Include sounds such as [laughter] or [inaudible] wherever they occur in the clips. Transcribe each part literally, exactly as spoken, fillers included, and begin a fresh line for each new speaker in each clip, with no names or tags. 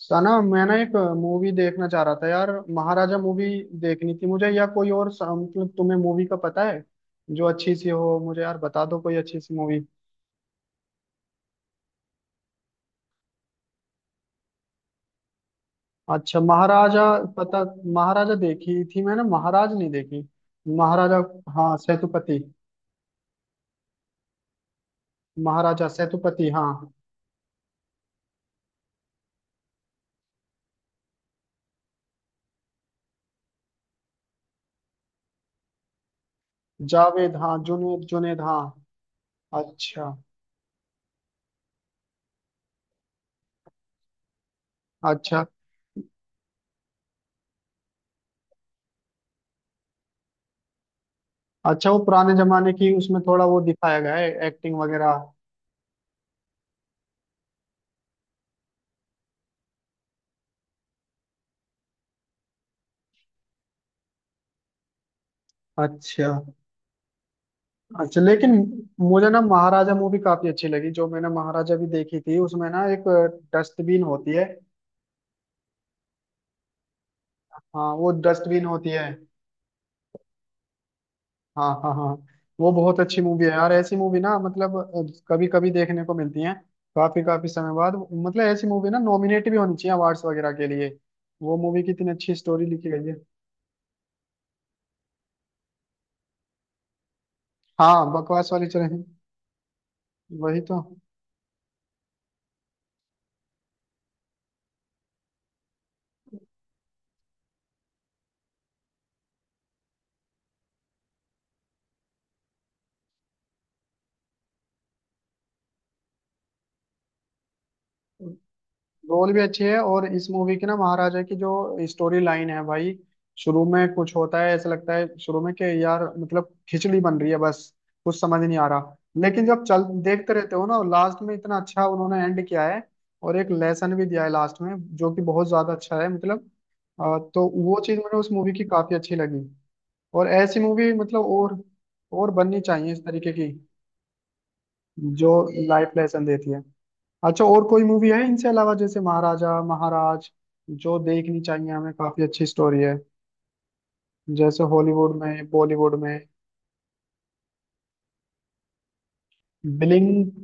सना, मैं ना एक मूवी देखना चाह रहा था यार। महाराजा मूवी देखनी थी मुझे, या कोई और सा- मतलब तुम्हें मूवी का पता है जो अच्छी सी हो? मुझे यार बता दो कोई अच्छी सी मूवी। अच्छा, महाराजा। पता, महाराजा देखी थी मैंने, महाराज नहीं देखी। महाराजा, हाँ सेतुपति। महाराजा सेतुपति, हाँ। जावेद, हाँ जुनेद जुनेद हाँ। अच्छा। अच्छा। अच्छा वो पुराने जमाने की उसमें थोड़ा वो दिखाया गया है, एक्टिंग वगैरह। अच्छा। अच्छा लेकिन मुझे ना महाराजा मूवी काफी अच्छी लगी। जो मैंने महाराजा भी देखी थी, उसमें ना एक डस्टबिन होती है। हाँ वो डस्टबिन होती है। हाँ हाँ हाँ। वो बहुत अच्छी मूवी है यार। ऐसी मूवी ना, मतलब कभी कभी देखने को मिलती है, काफी काफी समय बाद। मतलब ऐसी मूवी ना नॉमिनेट भी होनी चाहिए अवार्ड्स वगैरह के लिए। वो मूवी कितनी अच्छी स्टोरी लिखी गई है। हाँ बकवास वाली चले। वही तो। रोल भी अच्छी है, और इस मूवी की ना महाराजा की जो स्टोरी लाइन है भाई, शुरू में कुछ होता है, ऐसा लगता है शुरू में कि यार मतलब खिचड़ी बन रही है बस, कुछ समझ नहीं आ रहा। लेकिन जब चल देखते रहते हो ना, लास्ट में इतना अच्छा उन्होंने एंड किया है। और एक लेसन भी दिया है लास्ट में जो कि बहुत ज्यादा अच्छा है मतलब। अ, तो वो चीज मुझे उस मूवी की काफी अच्छी लगी। और ऐसी मूवी मतलब और और बननी चाहिए इस तरीके की, जो लाइफ लेसन देती है। अच्छा, और कोई मूवी है इनसे अलावा जैसे महाराजा, महाराज, जो देखनी चाहिए हमें? काफी अच्छी स्टोरी है, जैसे हॉलीवुड में, बॉलीवुड में। ब्लिंक,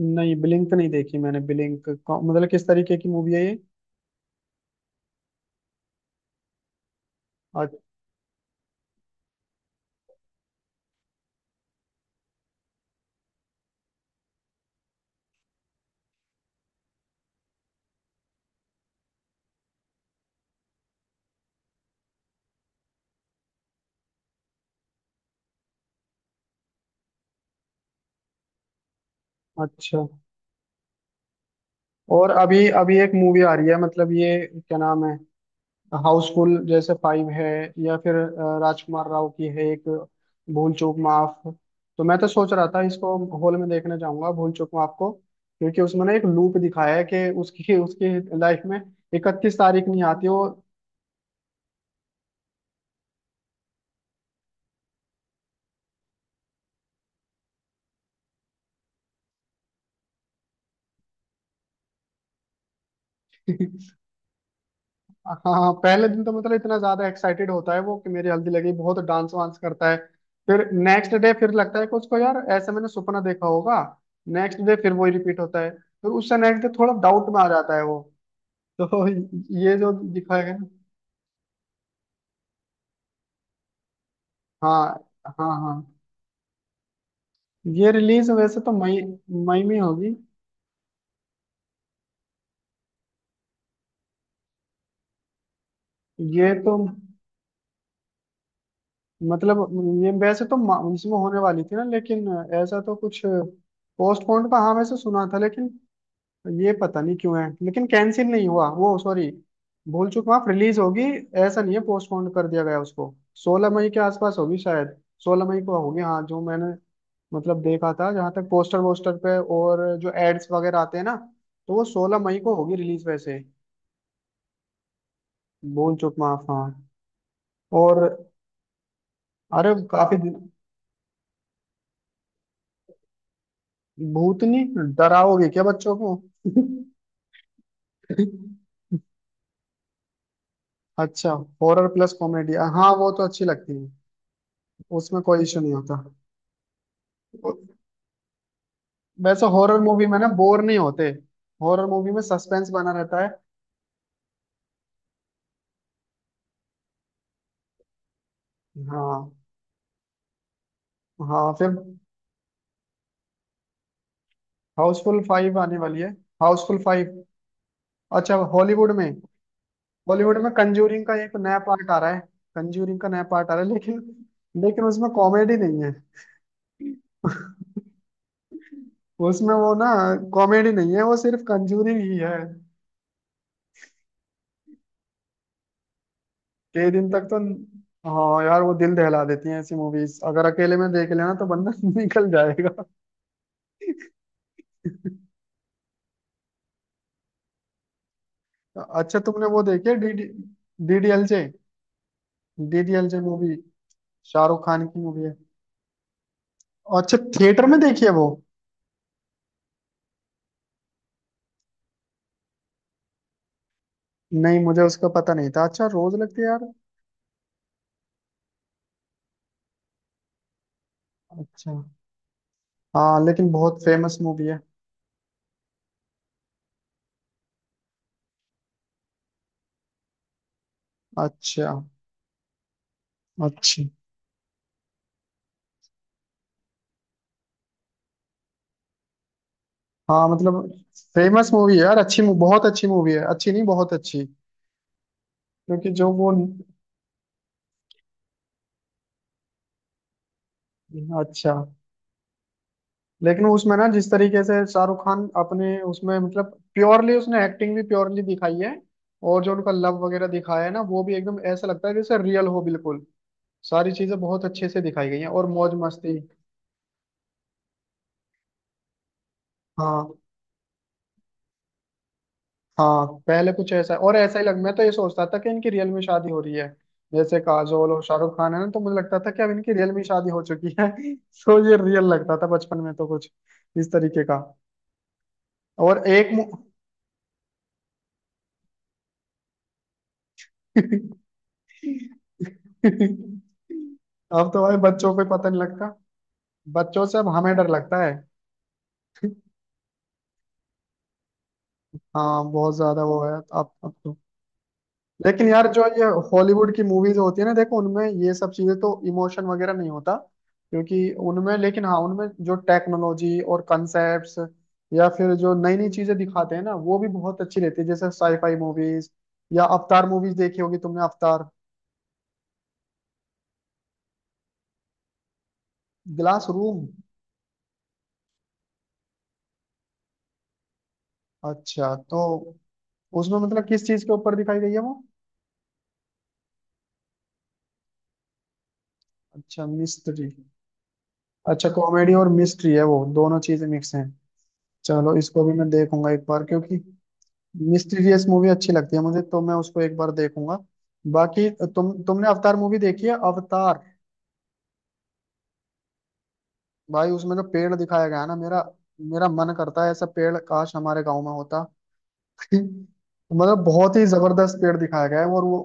नहीं ब्लिंक तो नहीं देखी मैंने। ब्लिंक मतलब किस तरीके की मूवी है ये? अ- अच्छा। और अभी अभी एक मूवी आ रही है मतलब ये क्या नाम है, हाउसफुल जैसे फाइव है, या फिर अ, राजकुमार राव की है एक, भूल चूक माफ। तो मैं तो सोच रहा था इसको हॉल में देखने जाऊंगा, भूल चूक माफ को। क्योंकि उसमें ना एक लूप दिखाया है कि उसकी उसकी लाइफ में इकतीस तारीख नहीं आती वो। [laughs] हाँ पहले दिन तो मतलब इतना ज्यादा एक्साइटेड होता है वो, कि मेरी हल्दी लगी, बहुत डांस वांस करता है। फिर नेक्स्ट डे फिर लगता है कि उसको यार, ऐसे मैंने सपना देखा होगा। नेक्स्ट डे फिर वही रिपीट होता है, फिर उससे नेक्स्ट डे थोड़ा डाउट में आ जाता है वो। तो ये जो दिखाएगा ना। हाँ हाँ हाँ। ये रिलीज वैसे तो मई, मई में होगी। ये तो मतलब, ये वैसे तो मा- इसमें होने वाली थी ना, लेकिन ऐसा तो कुछ पोस्टपोन्ड का हाँ वैसे सुना था, लेकिन ये पता नहीं क्यों है, लेकिन कैंसिल नहीं हुआ वो। सॉरी, भूल चुका माफ रिलीज होगी, ऐसा नहीं है पोस्टपोन कर दिया गया उसको। सोलह मई के आसपास होगी शायद, सोलह मई को होगी हाँ, जो मैंने मतलब देखा था जहां तक, पोस्टर वोस्टर पे और जो एड्स वगैरह आते हैं ना, तो वो सोलह मई को होगी रिलीज वैसे। भूल चूक माफ, हाँ। और, अरे काफी दिन- भूतनी, डराओगे क्या बच्चों को? [laughs] अच्छा, हॉरर प्लस कॉमेडी, हाँ वो तो अच्छी लगती है, उसमें कोई इशू नहीं होता। वैसे हॉरर मूवी में ना बोर नहीं होते, हॉरर मूवी में सस्पेंस बना रहता है। हाँ, हाँ, फिर हाउसफुल फाइव आने वाली है। हाउसफुल फाइव। अच्छा, हॉलीवुड में। हॉलीवुड में कंजूरिंग का एक नया पार्ट आ रहा है। कंजूरिंग का नया पार्ट आ रहा है, लेकिन लेकिन उसमें कॉमेडी नहीं है। उसमें वो ना कॉमेडी नहीं है, वो सिर्फ कंजूरिंग ही है। कई दिन तक तो, हाँ यार वो दिल दहला देती हैं ऐसी मूवीज, अगर अकेले में देख लेना तो बंदा [laughs] निकल जाएगा। अच्छा, तुमने वो देखी है D D, D D L जे? डी डी एल जे मूवी, शाहरुख खान की मूवी है। अच्छा थिएटर में देखी है वो? नहीं मुझे उसका पता नहीं था। अच्छा रोज लगती है यार? अच्छा, हाँ लेकिन बहुत फेमस मूवी है। अच्छा, अच्छी। हाँ मतलब फेमस मूवी है यार, अच्छी मू- बहुत अच्छी मूवी है, अच्छी नहीं बहुत अच्छी। क्योंकि जो वो, अच्छा, लेकिन उसमें ना जिस तरीके से शाहरुख खान अपने उसमें, मतलब प्योरली उसने एक्टिंग भी प्योरली दिखाई है, और जो उनका लव वगैरह दिखाया है ना, वो भी एकदम ऐसा लगता है जैसे रियल हो, बिल्कुल सारी चीजें बहुत अच्छे से दिखाई गई हैं, और मौज मस्ती। हाँ हाँ हाँ, पहले कुछ ऐसा, और ऐसा ही लग, मैं तो ये सोचता था कि इनकी रियल में शादी हो रही है। जैसे काजोल और शाहरुख खान है ना, तो मुझे लगता था कि अब इनकी रियल में शादी हो चुकी है। [laughs] तो ये रियल लगता था बचपन में, तो कुछ इस तरीके का। और एक मु... [laughs] अब तो भाई बच्चों को ही पता नहीं लगता, बच्चों से अब हमें डर लगता है। [laughs] हाँ बहुत ज्यादा वो है, अब अब तो, लेकिन यार जो ये हॉलीवुड की मूवीज होती है ना, देखो उनमें ये सब चीजें तो, इमोशन वगैरह नहीं होता क्योंकि उनमें, लेकिन हाँ उनमें जो टेक्नोलॉजी और कंसेप्ट्स या फिर जो नई नई चीजें दिखाते हैं ना, वो भी बहुत अच्छी रहती है, जैसे साईफाई मूवीज, या अवतार मूवीज देखी होगी तुमने, अवतार। Glass room. अच्छा तो उसमें मतलब किस चीज के ऊपर दिखाई गई है वो? अच्छा, मिस्ट्री। अच्छा, कॉमेडी और मिस्ट्री है, वो दोनों चीजें मिक्स हैं। चलो इसको भी मैं देखूंगा एक बार, क्योंकि मिस्टीरियस मूवी अच्छी लगती है मुझे, तो मैं उसको एक बार देखूंगा। बाकी, तुम तुमने अवतार मूवी देखी है, अवतार? भाई उसमें जो पेड़ दिखाया गया है ना, मेरा मेरा मन करता है ऐसा पेड़ काश हमारे गांव में होता। [laughs] मतलब बहुत ही जबरदस्त पेड़ दिखाया गया है, और वो,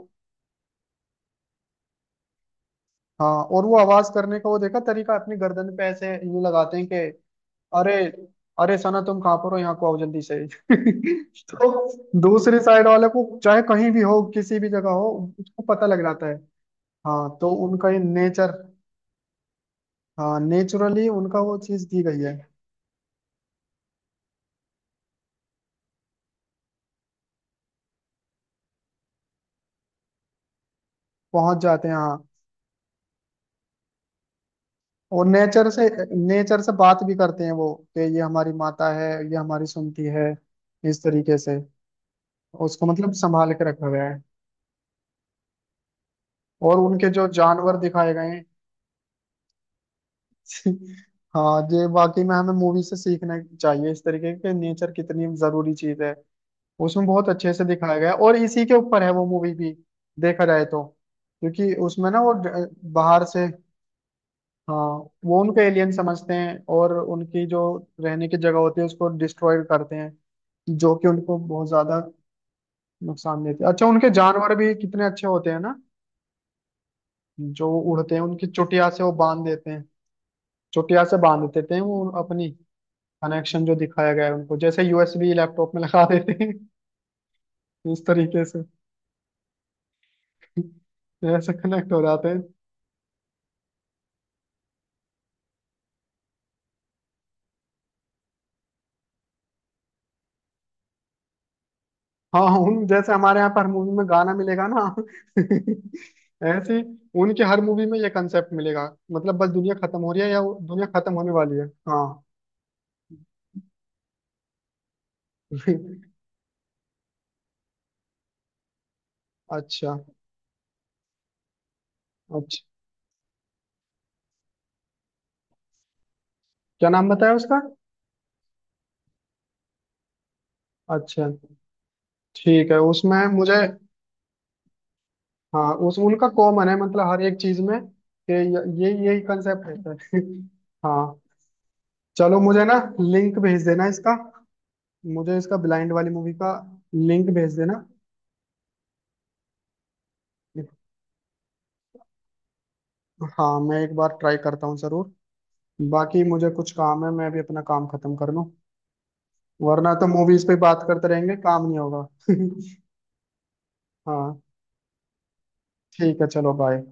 हाँ। और वो आवाज करने का वो देखा तरीका, अपनी गर्दन पे ऐसे यूं लगाते हैं कि, अरे अरे सना तुम कहाँ पर हो, यहाँ को आओ जल्दी से। [laughs] तो दूसरी साइड वाले को, चाहे कहीं भी हो, किसी भी जगह हो, उसको पता लग जाता है। हाँ तो उनका ये नेचर, हाँ नेचुरली उनका वो चीज दी गई है। पहुंच जाते हैं हाँ। और नेचर से, नेचर से बात भी करते हैं वो, कि ये हमारी माता है, ये हमारी सुनती है, इस तरीके से, उसको मतलब संभाल के रखा गया है। और उनके जो जानवर दिखाए गए हैं। [laughs] हाँ ये वाकई में हमें मूवी से सीखना चाहिए, इस तरीके के नेचर कितनी जरूरी चीज है, उसमें बहुत अच्छे से दिखाया गया है, और इसी के ऊपर है वो मूवी भी, देखा जाए तो। क्योंकि उसमें ना वो ड- बाहर से, हाँ वो उनको एलियन समझते हैं, और उनकी जो रहने की जगह होती है उसको डिस्ट्रॉय करते हैं, जो कि उनको बहुत ज्यादा नुकसान देते हैं। अच्छा उनके जानवर भी कितने अच्छे होते हैं ना, जो उड़ते हैं उनकी चुटिया से वो बांध देते हैं, चुटिया से बांध देते हैं वो अपनी। कनेक्शन जो दिखाया गया है उनको, जैसे यू एस बी लैपटॉप में लगा देते हैं। [laughs] इस तरीके से, [laughs] ऐसे कनेक्ट हो जाते हैं। हाँ, उन जैसे हमारे यहाँ पर हर मूवी में गाना मिलेगा ना, [laughs] ऐसे ही उनके हर मूवी में ये कंसेप्ट मिलेगा। मतलब बस दुनिया खत्म हो रही है, या वो- दुनिया खत्म होने वाली है, हाँ। [laughs] अच्छा। अच्छा, क्या नाम बताया उसका? अच्छा ठीक है, उसमें मुझे, हाँ उस उनका कॉमन है मतलब हर एक चीज में, कि य- ये यही कंसेप्ट रहता है। [laughs] हाँ। चलो मुझे ना लिंक भेज देना इसका, मुझे इसका ब्लाइंड वाली मूवी का लिंक भेज देना। हाँ मैं एक बार ट्राई करता हूँ जरूर। बाकी मुझे कुछ काम है, मैं अभी अपना काम खत्म कर लूं, वरना तो मूवीज पे बात करते रहेंगे, काम नहीं होगा। [laughs] हाँ ठीक है, चलो बाय।